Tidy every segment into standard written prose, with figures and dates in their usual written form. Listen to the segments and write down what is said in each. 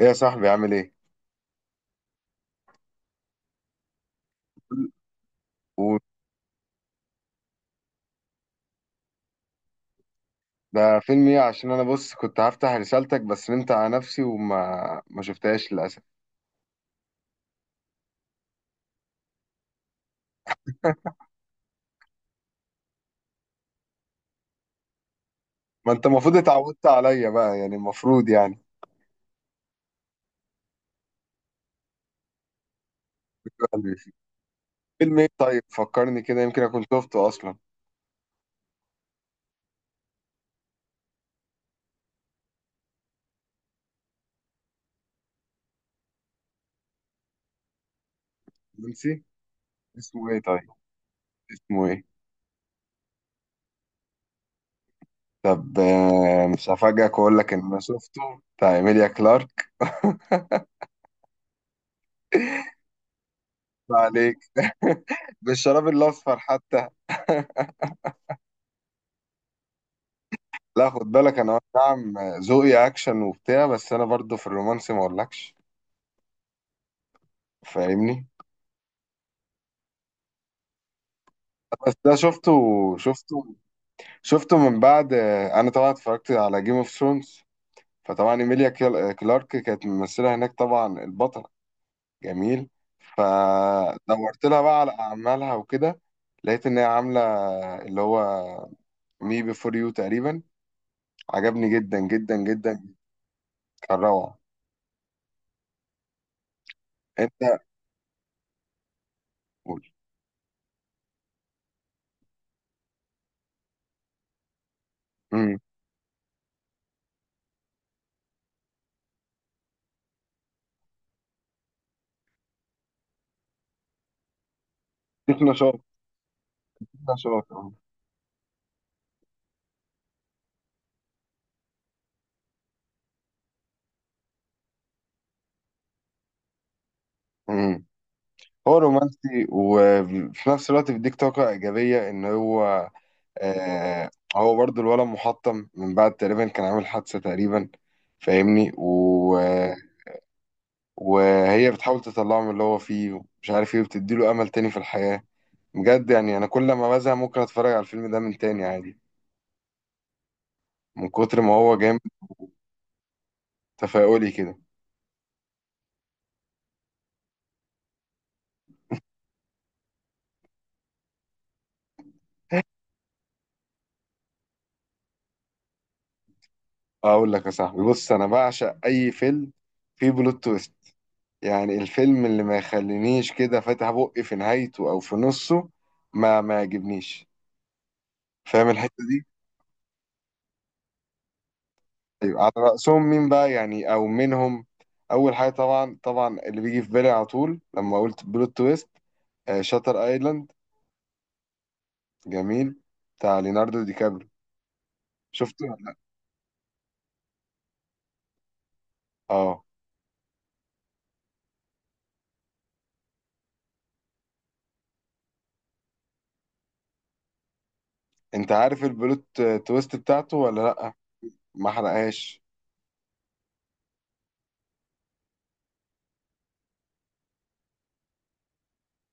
ايه يا صاحبي؟ عامل ايه؟ وده فيلم ايه؟ عشان انا بص كنت هفتح رسالتك بس نمت على نفسي وما ما شفتهاش للاسف. ما انت المفروض اتعودت عليا بقى يعني، المفروض يعني قلبي فيه. فيلم ايه طيب؟ فكرني كده يمكن اكون شفته اصلا. نسي اسمه ايه طيب، اسمه ايه؟ طب مش هفاجئك واقول لك ان انا شفته، بتاع ايميليا كلارك. ما عليك. بالشراب الاصفر حتى. لا خد بالك انا، نعم، ذوقي اكشن وبتاع، بس انا برضو في الرومانسي ما اقولكش، فاهمني؟ بس ده شفته، شفته، شفته من بعد. انا طبعا اتفرجت على جيم اوف ثرونز، فطبعا ايميليا كلارك كانت ممثله هناك، طبعا البطل جميل، فدورت لها بقى على اعمالها وكده. لقيت ان هي عامله اللي هو مي بيفور يو تقريبا، عجبني جدا جدا جدا، كان روعه. انت قول. امم. فيك نشاط، فيك نشاط أهو. امم. هو رومانسي وفي نفس الوقت بيديك طاقه ايجابيه، ان هو، آه، هو برضو الولد محطم من بعد، تقريبا كان عامل حادثة تقريبا، فاهمني، و... وهي بتحاول تطلعه من اللي هو فيه مش عارف ايه، وبتديله امل تاني في الحياة. بجد يعني انا كل ما بزهق ممكن اتفرج على الفيلم ده من تاني عادي، من كتر ما هو جامد، تفاؤلي كده. اقول لك يا صاحبي، بص، انا بعشق اي فيلم فيه بلوت تويست، يعني الفيلم اللي ما يخلينيش كده فاتح بقي في نهايته او في نصه ما يعجبنيش، فاهم الحتة دي؟ ايوه، على رأسهم مين بقى يعني او منهم، اول حاجه طبعا طبعا اللي بيجي في بالي على طول لما قلت بلوت تويست، آه، شاتر ايلاند، جميل، بتاع ليوناردو دي كابريو. شفته ولا لأ؟ اه. انت عارف البلوت تويست بتاعته ولا لا؟ ما حرقهاش.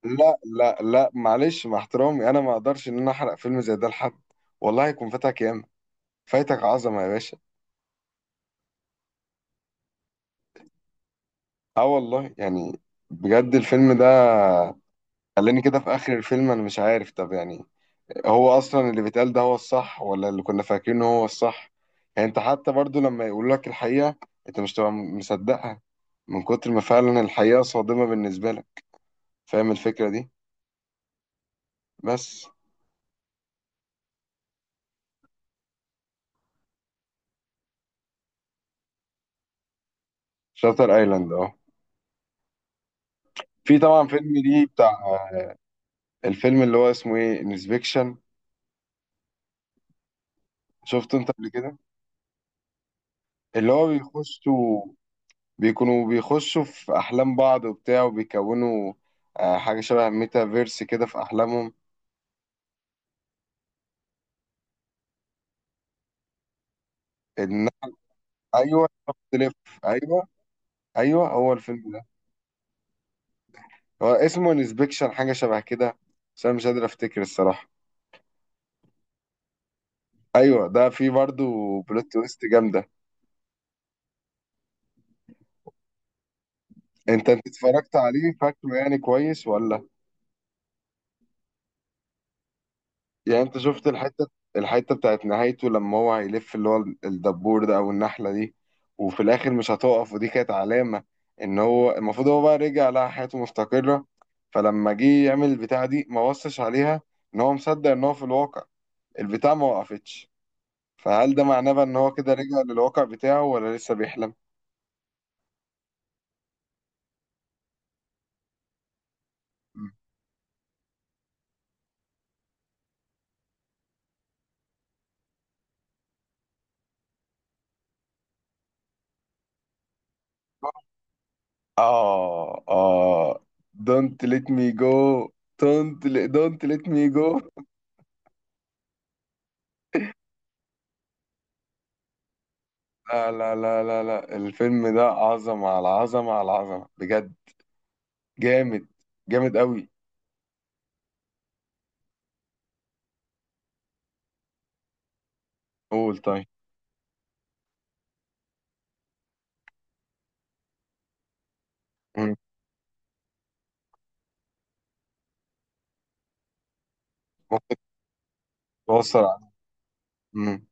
لا لا لا، معلش، مع احترامي انا ما اقدرش ان انا احرق فيلم زي ده لحد، والله هيكون فاتك ياما، فايتك عظمه يا باشا. اه والله يعني، بجد الفيلم ده خلاني كده في اخر الفيلم انا مش عارف، طب يعني هو اصلا اللي بيتقال ده هو الصح ولا اللي كنا فاكرينه هو الصح؟ يعني انت حتى برضو لما يقولوا لك الحقيقة انت مش تبقى مصدقها، من كتر ما فعلا الحقيقة صادمة بالنسبة لك، فاهم الفكرة دي؟ بس. شاتر ايلاند، اه، في طبعا فيلم ليه بتاع، الفيلم اللي هو اسمه ايه، انسبكشن. شفته انت قبل كده؟ اللي هو بيخشوا، بيكونوا بيخشوا في احلام بعض وبتاع، وبيكونوا، آه، حاجة شبه ميتافيرس كده في احلامهم. ان. ايوه، تلف. ايوه ايوه، هو الفيلم ده، هو اسمه انسبكشن، حاجه شبه كده، بس انا مش قادر افتكر الصراحه. ايوه، ده فيه برضو بلوت تويست جامده. انت اتفرجت عليه، فاكره يعني كويس ولا؟ يعني انت شفت الحته، الحته بتاعت نهايته، لما هو هيلف اللي هو الدبور ده او النحله دي وفي الاخر مش هتقف، ودي كانت علامه ان هو المفروض، هو بقى رجع لقى حياته مستقره، فلما جه يعمل البتاعه دي ما بصش عليها، ان هو مصدق ان هو في الواقع، البتاع ما وقفتش، فهل ده معناه بقى ان هو كده رجع للواقع بتاعه ولا لسه بيحلم؟ اه اه. don't let me go. Don't let me go. لا لا لا لا لا، الفيلم ده عظمة على عظمة على عظمة بجد، جامد، جامد قوي. قول طيب. مم. توصل على. مم.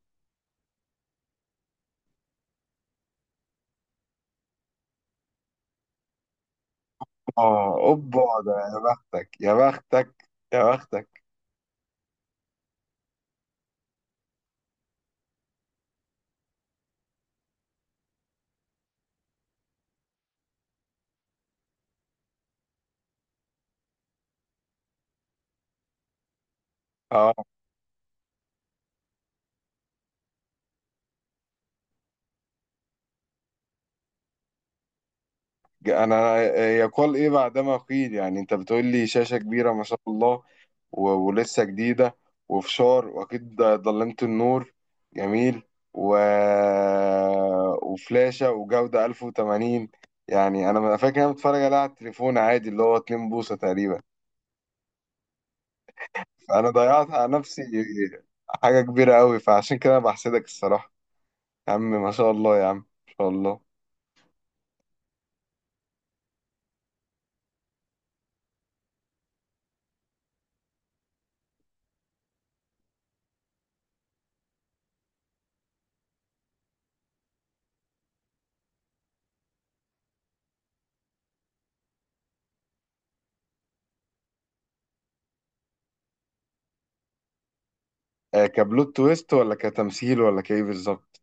اه اوبا، ده يا بختك يا بختك يا بختك. اه، انا يقال ايه بعدما قيل؟ يعني انت بتقول لي شاشة كبيرة ما شاء الله و- ولسه جديدة، وفشار، واكيد ضلمة النور، جميل، و... وفلاشة، وجودة 1080، يعني انا فاكر إن انا متفرج عليها على التليفون عادي اللي هو 2 بوصة تقريبا، فانا ضيعت على نفسي حاجة كبيرة قوي، فعشان كده انا بحسدك الصراحة، يا عم ما شاء الله يا عم ما شاء الله. كبلوت تويست ولا كتمثيل ولا كايه بالظبط؟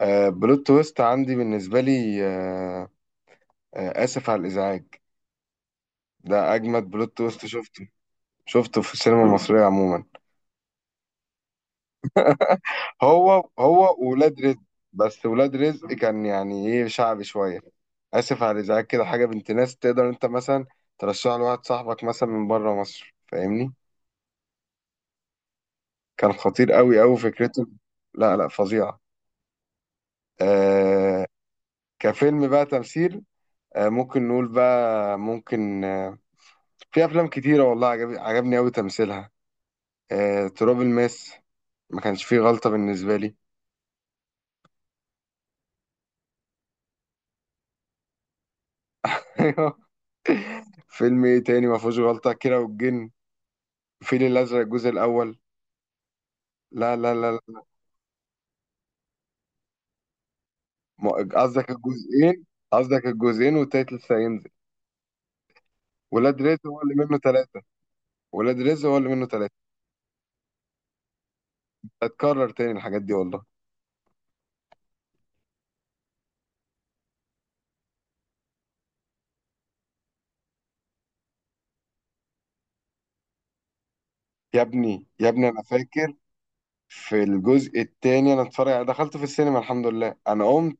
آه، بلوت تويست عندي بالنسبة لي، آه، آه، آسف على الإزعاج، ده أجمد بلوت تويست شفته، شفته في السينما المصرية عموما، هو ولاد رزق، بس ولاد رزق كان يعني إيه شعبي شوية، آسف على الإزعاج كده، حاجة بنت ناس تقدر أنت مثلا ترشحها لواحد صاحبك مثلا من بره مصر، فاهمني؟ كان خطير أوي أوي فكرته. لا لا، فظيعة، آه. كفيلم بقى تمثيل، آه، ممكن نقول بقى، ممكن، آه، في أفلام كتيرة والله عجب، عجبني أوي تمثيلها، تراب الماس، ما كانش فيه غلطة بالنسبة لي. أيوه. فيلم ايه تاني ما فيهوش غلطة؟ كيرة والجن، الفيل الأزرق الجزء الأول. لا لا لا لا. ما- قصدك الجزئين، قصدك الجزئين والتالت لسه هينزل. ولاد رزق هو اللي منه ثلاثة، ولاد رزق هو اللي منه ثلاثة. هتكرر تاني الحاجات دي والله. يا ابني يا ابني، أنا فاكر في الجزء التاني أنا اتفرج، أنا دخلت في السينما، الحمد لله، أنا قمت: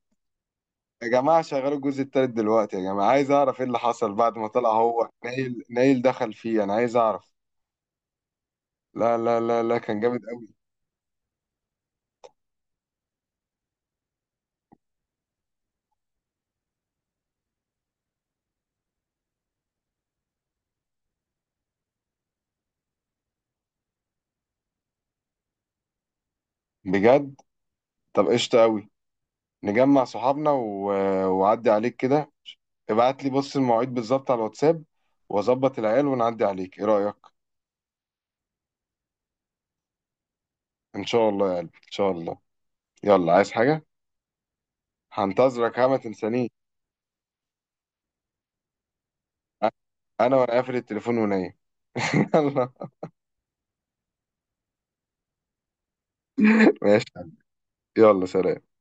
يا جماعة شغلوا الجزء التالت دلوقتي، يا جماعة عايز أعرف إيه اللي حصل بعد ما طلع هو نايل، نايل دخل فيه، أنا عايز أعرف. لا لا لا لا، كان جامد قوي. بجد؟ طب قشطة قوي، نجمع صحابنا، و... وعدي عليك كده، ابعت لي بص المواعيد بالظبط على الواتساب، واظبط العيال ونعدي عليك، ايه رأيك؟ ان شاء الله يا قلبي ان شاء الله، يلا عايز حاجة؟ هنتظرك، ها ما تنسانيش، انا وانا قافل التليفون ونايم. يلا. ماشي يا حبيبي. يلا سلام.